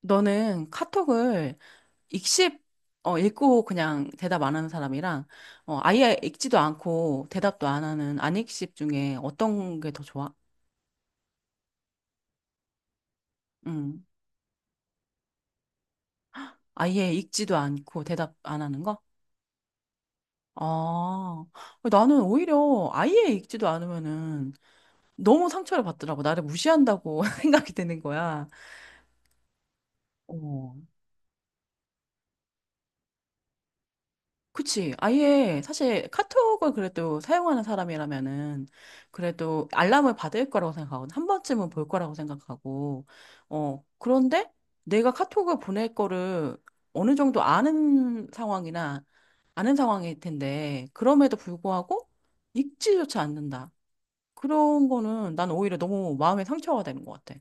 너는 카톡을 읽씹, 읽고 그냥 대답 안 하는 사람이랑, 아예 읽지도 않고 대답도 안 하는 안 읽씹 중에 어떤 게 더 좋아? 음 아예 읽지도 않고 대답 안 하는 거? 아, 나는 오히려 아예 읽지도 않으면은 너무 상처를 받더라고. 나를 무시한다고 생각이 드는 거야. 어, 그치. 아예 사실 카톡을 그래도 사용하는 사람이라면은 그래도 알람을 받을 거라고 생각하거든. 한 번쯤은 볼 거라고 생각하고. 그런데 내가 카톡을 보낼 거를 어느 정도 아는 상황이나 아는 상황일 텐데 그럼에도 불구하고 읽지조차 않는다. 그런 거는 난 오히려 너무 마음에 상처가 되는 것 같아.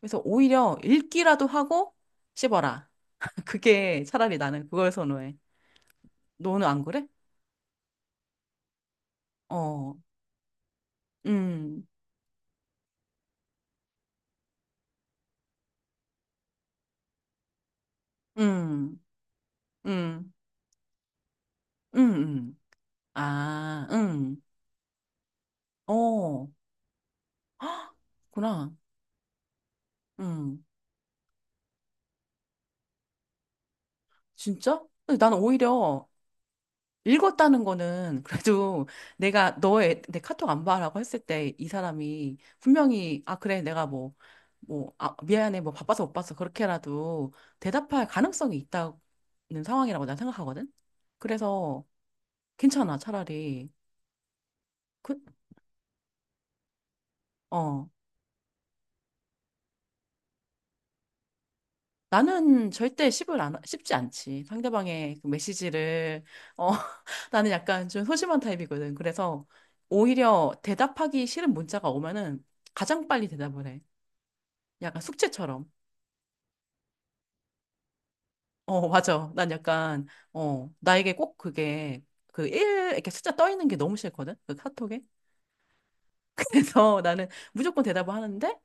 그래서 오히려 읽기라도 하고 씹어라. 그게 차라리 나는 그걸 선호해. 너는 안 그래? 어. 음, 음, 음, 음, 음. 아, 어, 헉, 그렇구나. 음, 진짜? 근데 나는 오히려 읽었다는 거는 그래도 내가 너의 내 카톡 안 봐라고 했을 때 이 사람이 분명히 아, 그래, 내가 뭐, 뭐, 아, 미안해, 뭐 바빠서 못 봤어. 그렇게라도 대답할 가능성이 있다는 상황이라고 난 생각하거든? 그래서 괜찮아, 차라리. 그, 어. 나는 절대 씹을 안, 씹지 않지. 상대방의 그 메시지를, 어, 나는 약간 좀 소심한 타입이거든. 그래서 오히려 대답하기 싫은 문자가 오면은 가장 빨리 대답을 해. 약간 숙제처럼. 어, 맞아. 난 약간, 나에게 꼭 그게 그 일 이렇게 숫자 떠 있는 게 너무 싫거든. 그 카톡에. 그래서 나는 무조건 대답을 하는데,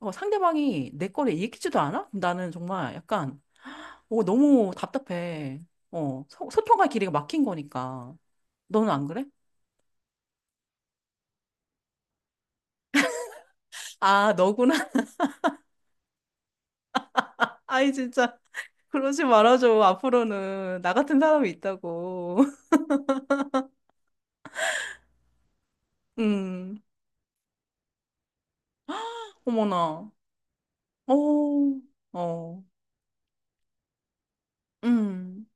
상대방이 내 거를 읽지도 않아? 그럼 나는 정말 약간 오, 너무 답답해. 소통할 길이가 막힌 거니까. 너는 안 그래? 아, 너구나. 아이, 진짜. 그러지 말아줘. 앞으로는 나 같은 사람이 있다고. 음, 어머나. 어, 어, 음,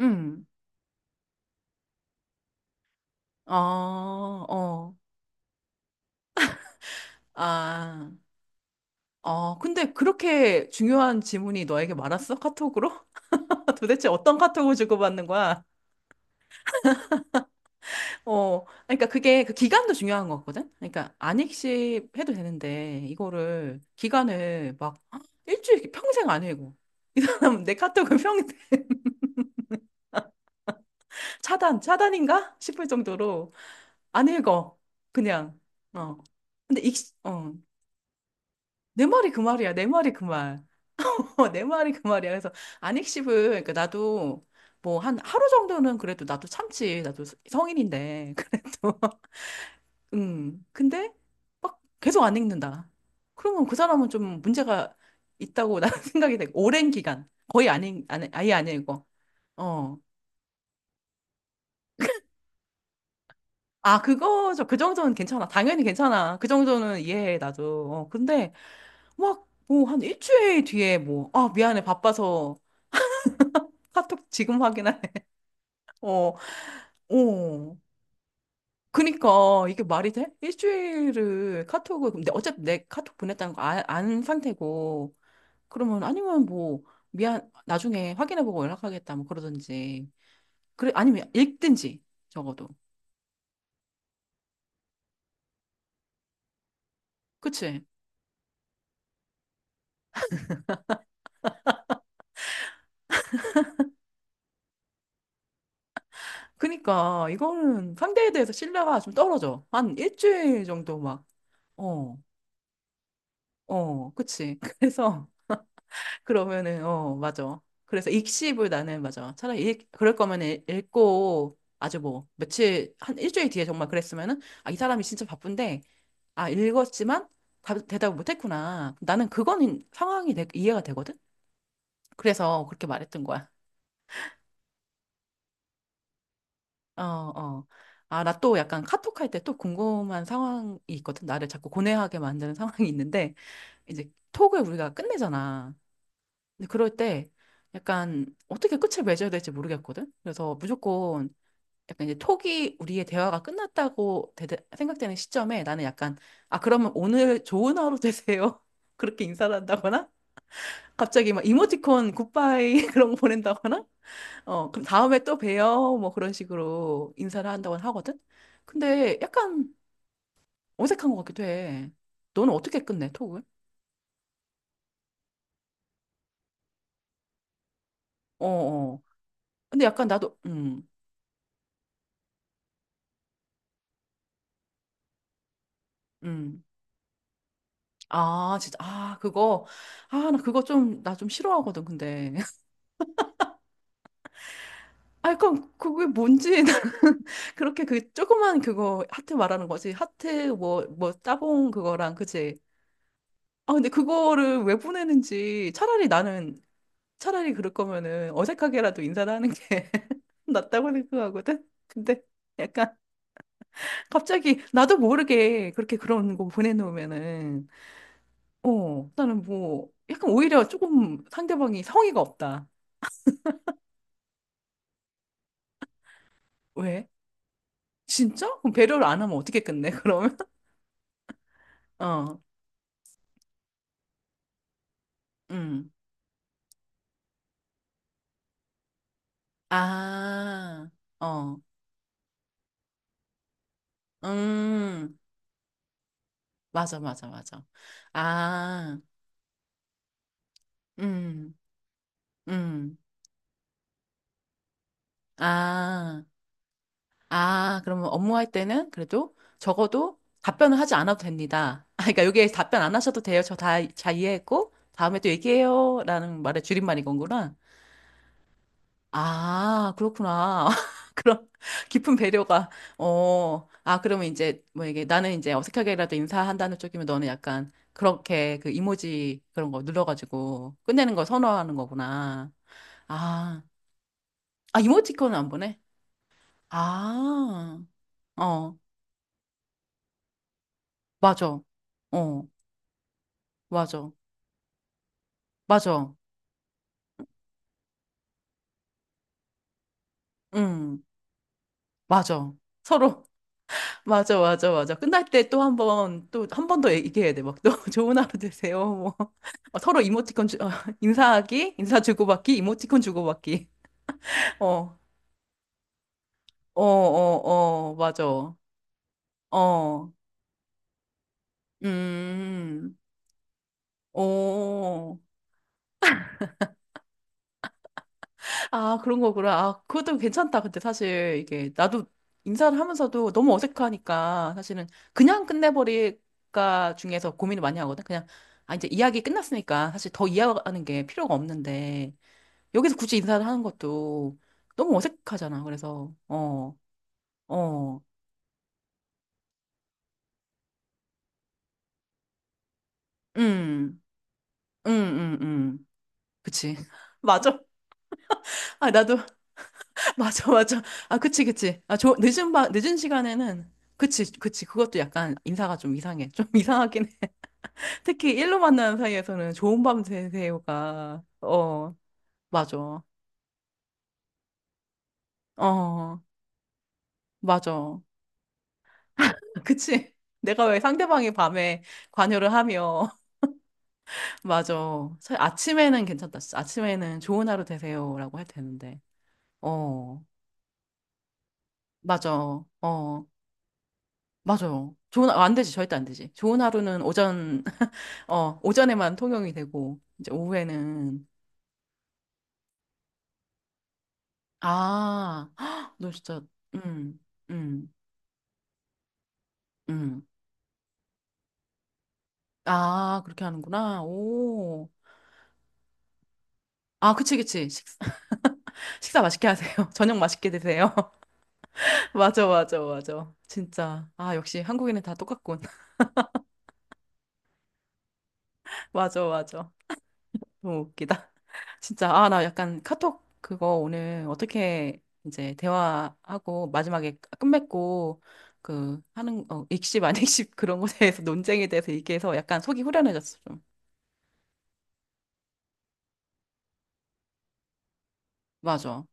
음. 아, 어, 아. 근데 그렇게 중요한 질문이 너에게 많았어? 카톡으로? 도대체 어떤 카톡을 주고받는 거야? 그러니까 그게 그 기간도 중요한 거거든. 그러니까 안익십 해도 되는데 이거를 기간을 막 일주일 이렇게 평생 안 읽어. 이 사람 내 카톡을 평생 차단 차단인가 싶을 정도로 안 읽어. 그냥 어. 근데 익 어. 내 말이 그 말이야. 내 말이 그 말. 내 말이 그 말이야. 그래서 안익십을 그러니까 나도 뭐 한 하루 정도는 그래도 나도 참지. 나도 성인인데 그래도 근데 막 계속 안 읽는다. 그러면 그 사람은 좀 문제가 있다고 나는 생각이 돼. 오랜 기간. 거의 안 읽, 안, 아예 안 읽어. 어. 아, 그거죠. 그 정도는 괜찮아. 당연히 괜찮아. 그 정도는 이해해, 나도. 근데 막, 뭐, 한 일주일 뒤에 뭐, 아, 미안해. 바빠서 카톡 지금 확인하네. 어, 어. 그니까, 이게 말이 돼? 일주일을 카톡을, 근데 어차피 내 카톡 보냈다는 거 아, 안 상태고, 그러면 아니면 뭐 미안 나중에 확인해보고 연락하겠다 뭐 그러든지 그래 아니면 읽든지 적어도 그치? 그니까 이거는 상대에 대해서 신뢰가 좀 떨어져 한 일주일 정도 막 어 어 그치? 그래서 그러면은 어 맞아 그래서 읽씹을 나는 맞아 차라리 읽 그럴 거면 읽고 아주 뭐 며칠 한 일주일 뒤에 정말 그랬으면은 아 이 사람이 진짜 바쁜데 아 읽었지만 대답을 못했구나 나는 그건 상황이 이해가 되거든. 그래서 그렇게 말했던 거야. 어, 어. 아, 나 또 약간 카톡할 때 또 궁금한 상황이 있거든. 나를 자꾸 고뇌하게 만드는 상황이 있는데, 이제 톡을 우리가 끝내잖아. 근데 그럴 때 약간 어떻게 끝을 맺어야 될지 모르겠거든. 그래서 무조건 약간 이제 톡이 우리의 대화가 끝났다고 생각되는 시점에 나는 약간, 아, 그러면 오늘 좋은 하루 되세요. 그렇게 인사를 한다거나, 갑자기 막 이모티콘 굿바이 그런 거 보낸다거나, 그럼 다음에 또 봬요. 뭐 그런 식으로 인사를 한다고 하거든? 근데 약간 어색한 것 같기도 해. 너는 어떻게 끝내, 톡을? 어, 어. 근데 약간 나도, 음. 아, 진짜. 아, 그거. 아, 나 좀 싫어하거든, 근데. 아, 약간 그게 뭔지. 나는 그렇게 그 조그만 그거 하트 말하는 거지. 하트 뭐, 따봉 그거랑, 그치? 아, 근데 그거를 왜 보내는지 차라리 그럴 거면은 어색하게라도 인사를 하는 게 낫다고 생각하거든. 근데 약간 갑자기 나도 모르게 그렇게 그런 거 보내놓으면은 나는 뭐 약간 오히려 조금 상대방이 성의가 없다. 왜? 진짜? 그럼 배려를 안 하면 어떻게 끝내? 그러면 어, 음, 아, 어, 음, 맞아, 맞아, 맞아, 아, 음, 음, 아. 아, 그러면 업무할 때는 그래도 적어도 답변을 하지 않아도 됩니다. 아, 그러니까 여기에 답변 안 하셔도 돼요. 저 다, 잘 이해했고, 다음에 또 얘기해요. 라는 말의 줄임말인 건구나. 아, 그렇구나. 그런 깊은 배려가, 그러면 이제, 뭐 이게 나는 이제 어색하게라도 인사한다는 쪽이면 너는 약간 그렇게 그 이모지 그런 거 눌러가지고 끝내는 걸 선호하는 거구나. 아, 아, 이모티콘은 안 보내? 아, 어, 맞아. 어. 맞아. 맞아. 응. 맞아. 서로. 맞아, 맞아, 맞아. 끝날 때 또 한 번, 또 한 번 더 얘기해야 돼. 막 또 좋은 하루 되세요. 뭐. 어, 서로 이모티콘 인사하기, 인사 주고받기, 이모티콘 주고받기. 어, 어, 어, 어, 맞아. 어, 음, 어. 아, 그런 거구나. 아, 그것도 괜찮다. 근데 사실 이게 나도 인사를 하면서도 너무 어색하니까 사실은 그냥 끝내버릴까 중에서 고민을 많이 하거든. 그냥 아, 이제 이야기 끝났으니까 사실 더 이야기하는 게 필요가 없는데 여기서 굳이 인사를 하는 것도 너무 어색하잖아. 그래서 어, 어, 음, 음, 음, 음. 그치. 맞아. 아, 나도 맞아, 맞아. 아, 그치, 그치. 아, 저 늦은 시간에는 그치, 그치. 그것도 약간 인사가 좀 이상해. 좀 이상하긴 특히 일로 만나는 사이에서는 좋은 밤 되세요가, 어, 맞아. 어, 맞아. 그치. 내가 왜 상대방이 밤에 관여를 하며, 맞아. 사실 아침에는 괜찮다. 진짜. 아침에는 좋은 하루 되세요라고 해도 되는데, 어, 맞아. 어, 맞아. 안 되지. 절대 안 되지. 좋은 하루는 오전, 오전에만 통용이 되고, 이제 오후에는, 아, 너 진짜, 음, 음. 음. 아, 그렇게 하는구나. 오. 아, 그치, 그치. 식사 맛있게 하세요. 저녁 맛있게 드세요. 맞아, 맞아, 맞아. 진짜. 아, 역시 한국인은 다 똑같군. 맞아, 맞아. 너무 웃기다. 진짜. 아, 나 약간 카톡 그거 오늘 어떻게 이제 대화하고 마지막에 끝맺고 그 하는, 익십, 안 익십 그런 거에 대해서 논쟁에 대해서 얘기해서 약간 속이 후련해졌어, 좀. 맞아,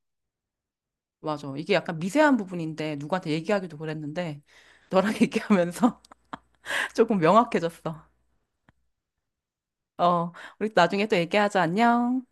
맞아. 이게 약간 미세한 부분인데 누구한테 얘기하기도 그랬는데 너랑 얘기하면서 조금 명확해졌어. 어, 우리 나중에 또 얘기하자. 안녕.